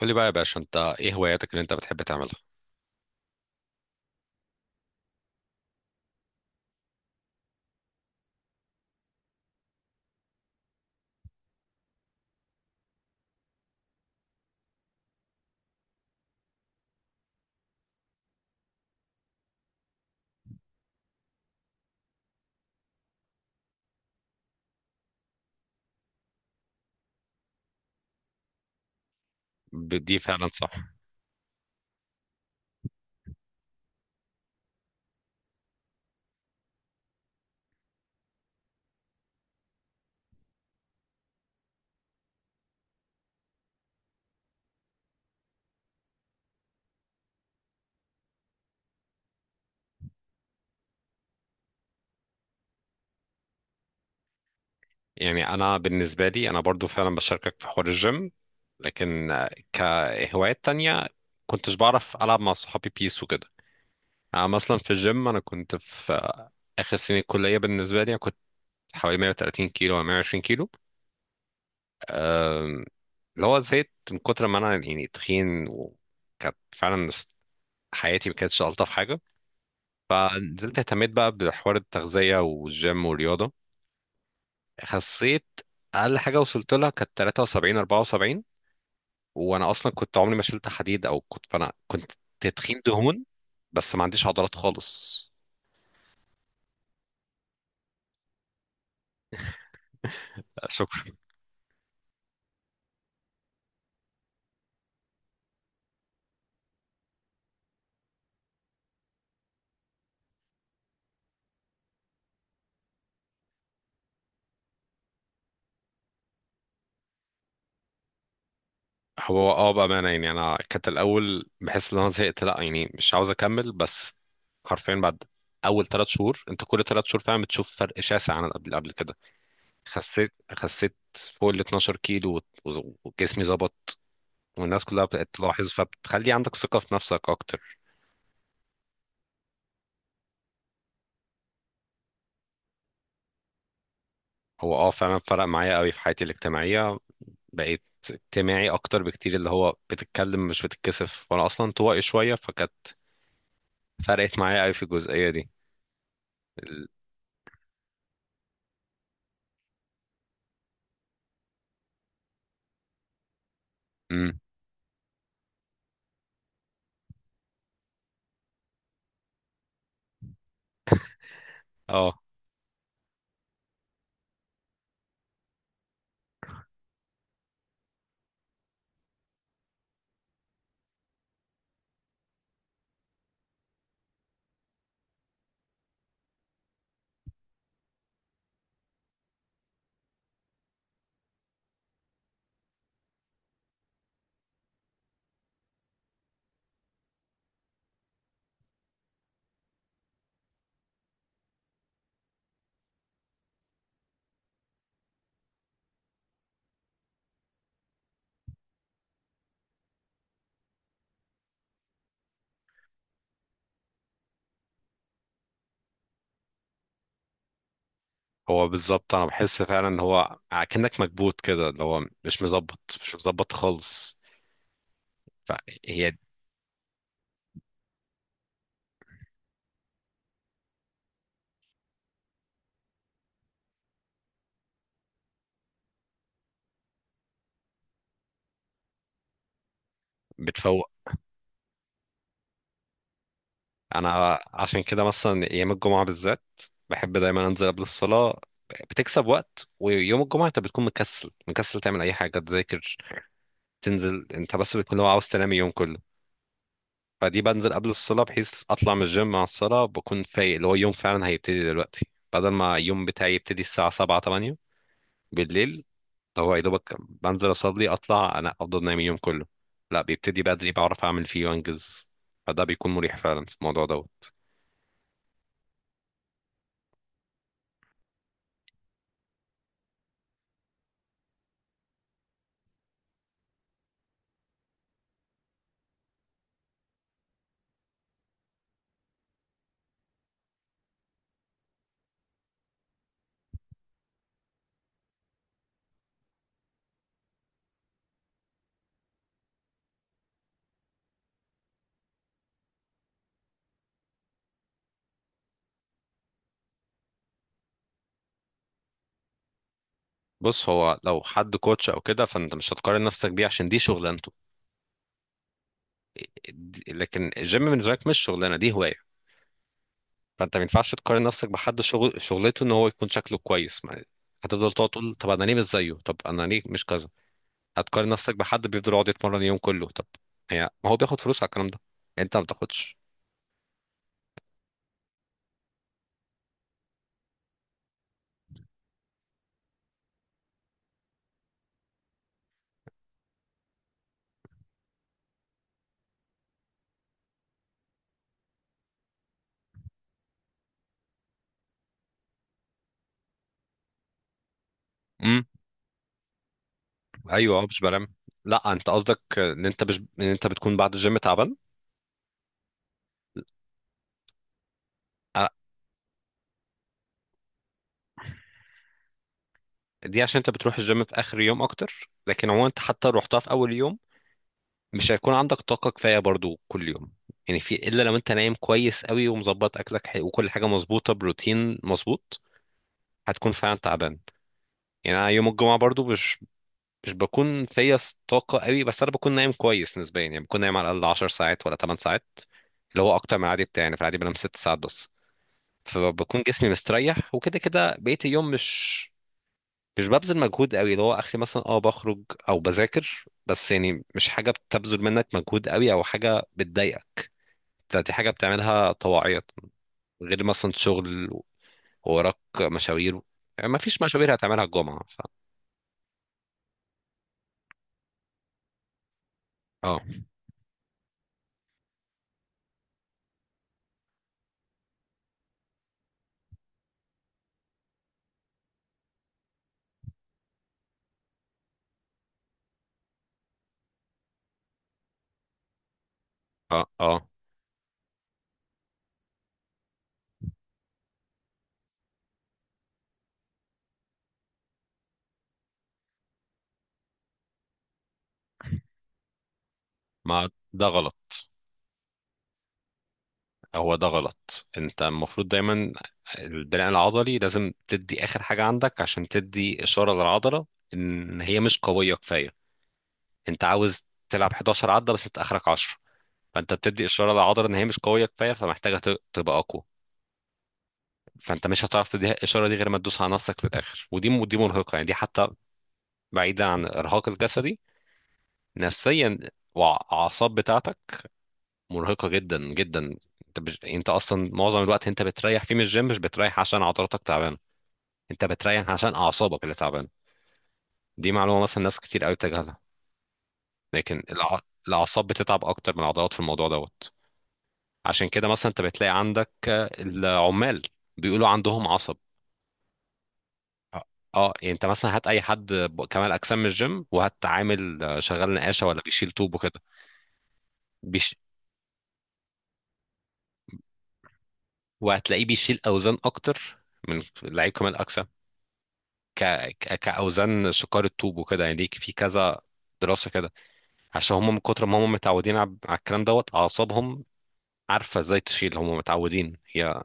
قول لي بقى يا باشا، انت ايه هواياتك اللي انت بتحب تعملها؟ دي فعلا صح. يعني انا بالنسبه لي انا برضو فعلا بشاركك في حوار الجيم، لكن كهوايات تانية كنتش بعرف العب مع صحابي بيس وكده. انا مثلا في الجيم انا كنت في اخر سنه الكليه، بالنسبه لي انا كنت حوالي 130 كيلو او 120 كيلو. آم، اللي هو زهقت من كتر ما انا يعني تخين، وكانت فعلا حياتي ما كانتش الطف حاجه. فنزلت اهتميت بقى بحوار التغذيه والجيم والرياضه، خسيت. اقل حاجه وصلت لها كانت 73 74. وانا اصلا كنت عمري ما شلت حديد او كنت، فانا كنت تخين دهون بس ما عنديش عضلات خالص. شكرا. هو اه بامانه يعني انا كانت الاول بحس ان انا زهقت، لا يعني مش عاوز اكمل، بس حرفيا بعد اول ثلاث شهور انت كل ثلاث شهور فعلا بتشوف فرق شاسع عن قبل قبل كده. خسيت خسيت فوق ال 12 كيلو وجسمي ظبط، والناس كلها بقت تلاحظ فبتخلي عندك ثقه في نفسك اكتر. هو اه فعلا فرق معايا قوي في حياتي الاجتماعية، بقيت اجتماعي اكتر بكتير اللي هو بتتكلم مش بتتكسف، وانا اصلا طوائي شوية فكانت فرقت معايا قوي في الجزئية دي. ال- امم. اه هو بالظبط انا بحس فعلا ان هو كأنك مكبوت كده، اللي هو مش مظبط مش مظبط خالص. فهي بتفوق. انا عشان كده مثلا ايام الجمعة بالذات بحب دايما انزل قبل الصلاة، بتكسب وقت. ويوم الجمعة انت بتكون مكسل مكسل تعمل اي حاجة تذاكر تنزل، انت بس بتكون لو عاوز تنام اليوم كله. فدي بنزل قبل الصلاة بحيث اطلع من الجيم مع الصلاة بكون فايق، اللي هو اليوم فعلا هيبتدي دلوقتي، بدل ما اليوم بتاعي يبتدي الساعة 7 8 بالليل، هو يا دوبك بنزل اصلي اطلع انا افضل نايم اليوم كله. لا بيبتدي بدري، بعرف اعمل فيه وانجز. فده بيكون مريح فعلا في الموضوع دوت. بص، هو لو حد كوتش او كده فانت مش هتقارن نفسك بيه عشان دي شغلانته. لكن الجيم بالنسبه لك مش شغلانه، دي هوايه. فانت ما ينفعش تقارن نفسك بحد شغل شغلته ان هو يكون شكله كويس هتفضل تقعد تقول طب انا ليه مش زيه، طب انا ليه مش كذا. هتقارن نفسك بحد بيفضل يقعد يتمرن اليوم كله. طب هي ما هو بياخد فلوس على الكلام ده، انت ما بتاخدش. امم، ايوه مش بلام. لا انت قصدك ان انت مش ان انت بتكون بعد الجيم تعبان. آه، دي عشان انت بتروح الجيم في اخر يوم اكتر، لكن عموما انت حتى لو رحتها في اول يوم مش هيكون عندك طاقه كفايه برضو كل يوم. يعني في الا لو انت نايم كويس قوي ومظبط اكلك وكل حاجه مظبوطه بروتين مظبوط، هتكون فعلا تعبان. يعني انا يوم الجمعه برضو مش بكون فيا طاقه قوي، بس انا بكون نايم كويس نسبيا يعني بكون نايم على الاقل 10 ساعات ولا 8 ساعات، اللي هو اكتر من العادي بتاعي. يعني في العادي بنام 6 ساعات بس. فبكون جسمي مستريح، وكده كده بقيه اليوم مش ببذل مجهود قوي، اللي هو اخري مثلا اه بخرج او بذاكر، بس يعني مش حاجه بتبذل منك مجهود قوي او حاجه بتضايقك، دي حاجه بتعملها طواعية. غير مثلا شغل وراك مشاوير، يعني ما فيش مشاوير هتعملها الجمعه ف... اه اه اه. ما ده غلط، هو ده غلط. انت المفروض دايما البناء العضلي لازم تدي اخر حاجة عندك عشان تدي اشارة للعضلة ان هي مش قوية كفاية. انت عاوز تلعب 11 عدة بس انت اخرك 10، فانت بتدي اشارة للعضلة ان هي مش قوية كفاية فمحتاجة تبقى اقوى. فانت مش هتعرف تدي الاشارة دي غير ما تدوس على نفسك في الاخر. ودي مرهقة يعني، دي حتى بعيدة عن الارهاق الجسدي، نفسيا والاعصاب بتاعتك مرهقة جدا جدا. انت اصلا معظم الوقت انت بتريح فيه من الجيم مش بتريح عشان عضلاتك تعبانة، انت بتريح عشان اعصابك اللي تعبانة. دي معلومة مثلا ناس كتير قوي بتجهلها. لكن الاعصاب بتتعب اكتر من العضلات في الموضوع دوت. عشان كده مثلا انت بتلاقي عندك العمال بيقولوا عندهم عصب. اه اه، يعني انت مثلا هات اي حد كمال اجسام من الجيم، وهات عامل شغال نقاشة ولا بيشيل طوب وكده. بيش... وهتلاقيه بيشيل اوزان اكتر من لعيب كمال اجسام. ك... كأوزان شقار الطوب وكده يعني. دي في كذا دراسة كده عشان هم من كتر ما هم متعودين على الكلام دوت، أعصابهم عارفة ازاي تشيل، هم متعودين. هي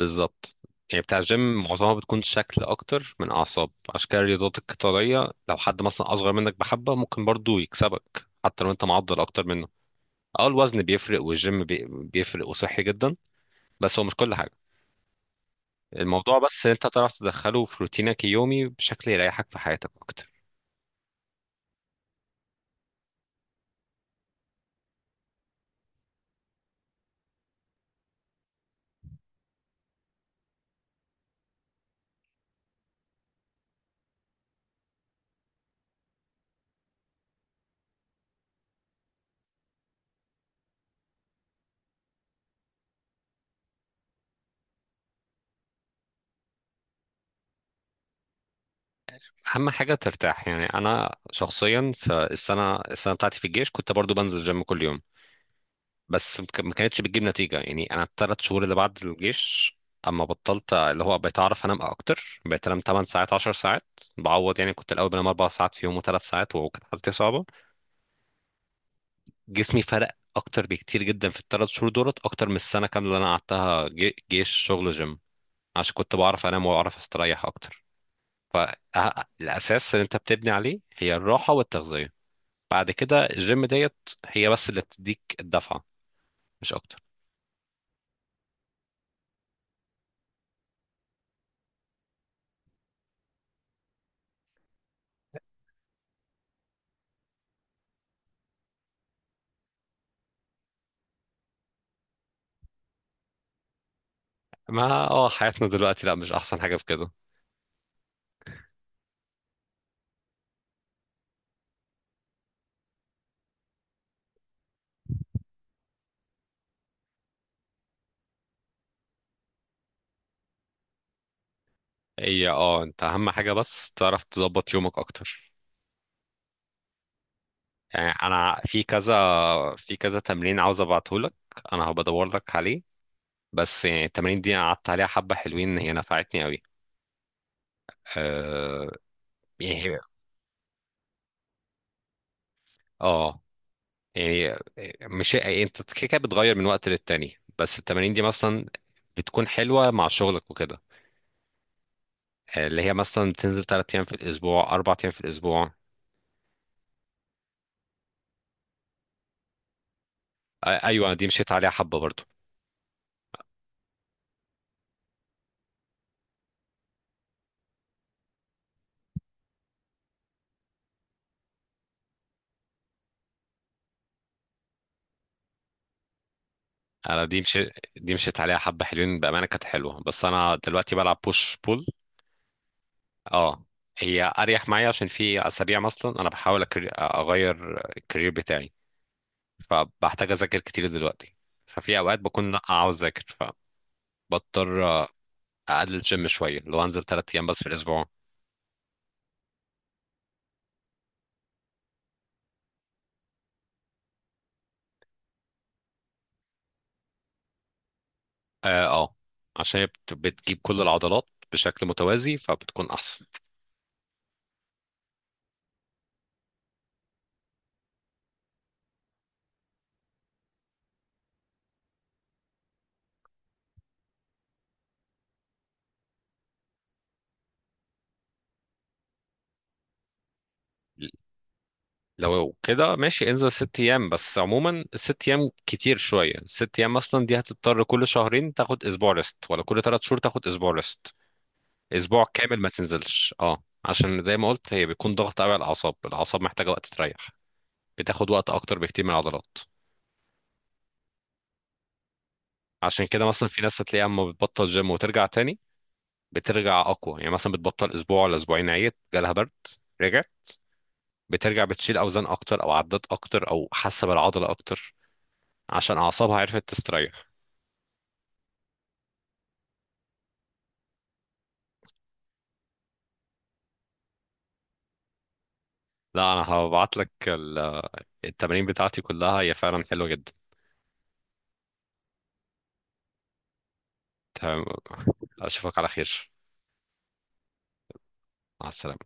بالظبط. يعني بتاع الجيم معظمها بتكون شكل أكتر من أعصاب. عشان كده الرياضات القتالية لو حد مثلا أصغر منك بحبة ممكن برضو يكسبك حتى لو أنت معضل أكتر منه. اه الوزن بيفرق، والجيم بيفرق وصحي جدا. بس هو مش كل حاجة. الموضوع بس إن أنت تعرف تدخله في روتينك اليومي بشكل يريحك في حياتك أكتر. اهم حاجه ترتاح. يعني انا شخصيا في السنه بتاعتي في الجيش كنت برضو بنزل جيم كل يوم، بس ما كانتش بتجيب نتيجه. يعني انا الثلاث شهور اللي بعد الجيش اما بطلت اللي هو بقيت اعرف انام اكتر، بقيت انام 8 ساعات 10 ساعات بعوض. يعني كنت الاول بنام 4 ساعات في يوم و3 ساعات وكانت حالتي صعبه. جسمي فرق اكتر بكتير جدا في الثلاث شهور دولت اكتر من السنه كامله اللي انا قعدتها جيش شغل جيم، عشان كنت بعرف انام واعرف استريح اكتر. فالاساس اللي انت بتبني عليه هي الراحه والتغذيه، بعد كده الجيم ديت هي بس اللي بتديك الدفعة، مش أكتر. ما اه حياتنا دلوقتي لا مش أحسن حاجة في كده. هي اه أنت أهم حاجة بس تعرف تظبط يومك أكتر. يعني أنا في كذا تمرين عاوز أبعتهولك، أنا هبدور لك عليه. بس يعني التمارين دي أنا قعدت عليها حبة حلوين هي نفعتني أوي. اه. يعني اه يعني، مش يعني أنت كده كده بتغير من وقت للتاني، بس التمارين دي مثلا بتكون حلوة مع شغلك وكده، اللي هي مثلا بتنزل ثلاث ايام في الاسبوع اربع ايام في الاسبوع. ايوه انا دي مشيت عليها حبه برضو. انا دي مشيت عليها حبه حلوين بامانه، كانت حلوه. بس انا دلوقتي بلعب بوش بول. اه هي اريح معايا عشان في اسابيع مثلا انا بحاول اغير الكارير بتاعي، فبحتاج اذاكر كتير دلوقتي. ففي اوقات بكون لأ، عاوز اذاكر، فبضطر اقلل الجيم شويه لو انزل ثلاث ايام بس في الاسبوع. اه اه، عشان هي بتجيب كل العضلات بشكل متوازي فبتكون احسن. لو كده ماشي انزل ست ايام. بس عموما ست ايام كتير شويه، ست ايام اصلا دي هتضطر كل شهرين تاخد اسبوع ريست ولا كل ثلاث شهور تاخد اسبوع ريست، اسبوع كامل ما تنزلش. اه عشان زي ما قلت هي بيكون ضغط قوي على الاعصاب، الاعصاب محتاجه وقت تريح، بتاخد وقت اكتر بكتير من العضلات. عشان كده مثلا في ناس هتلاقيها اما بتبطل جيم وترجع تاني بترجع اقوى. يعني مثلا بتبطل اسبوع ولا اسبوعين عيت جالها برد رجعت، بترجع بتشيل اوزان اكتر او عدات اكتر او حاسه بالعضله اكتر عشان اعصابها عرفت تستريح. لا انا هبعت لك التمارين بتاعتي كلها هي فعلا حلوة جدا. تمام، اشوفك على خير. مع السلامة.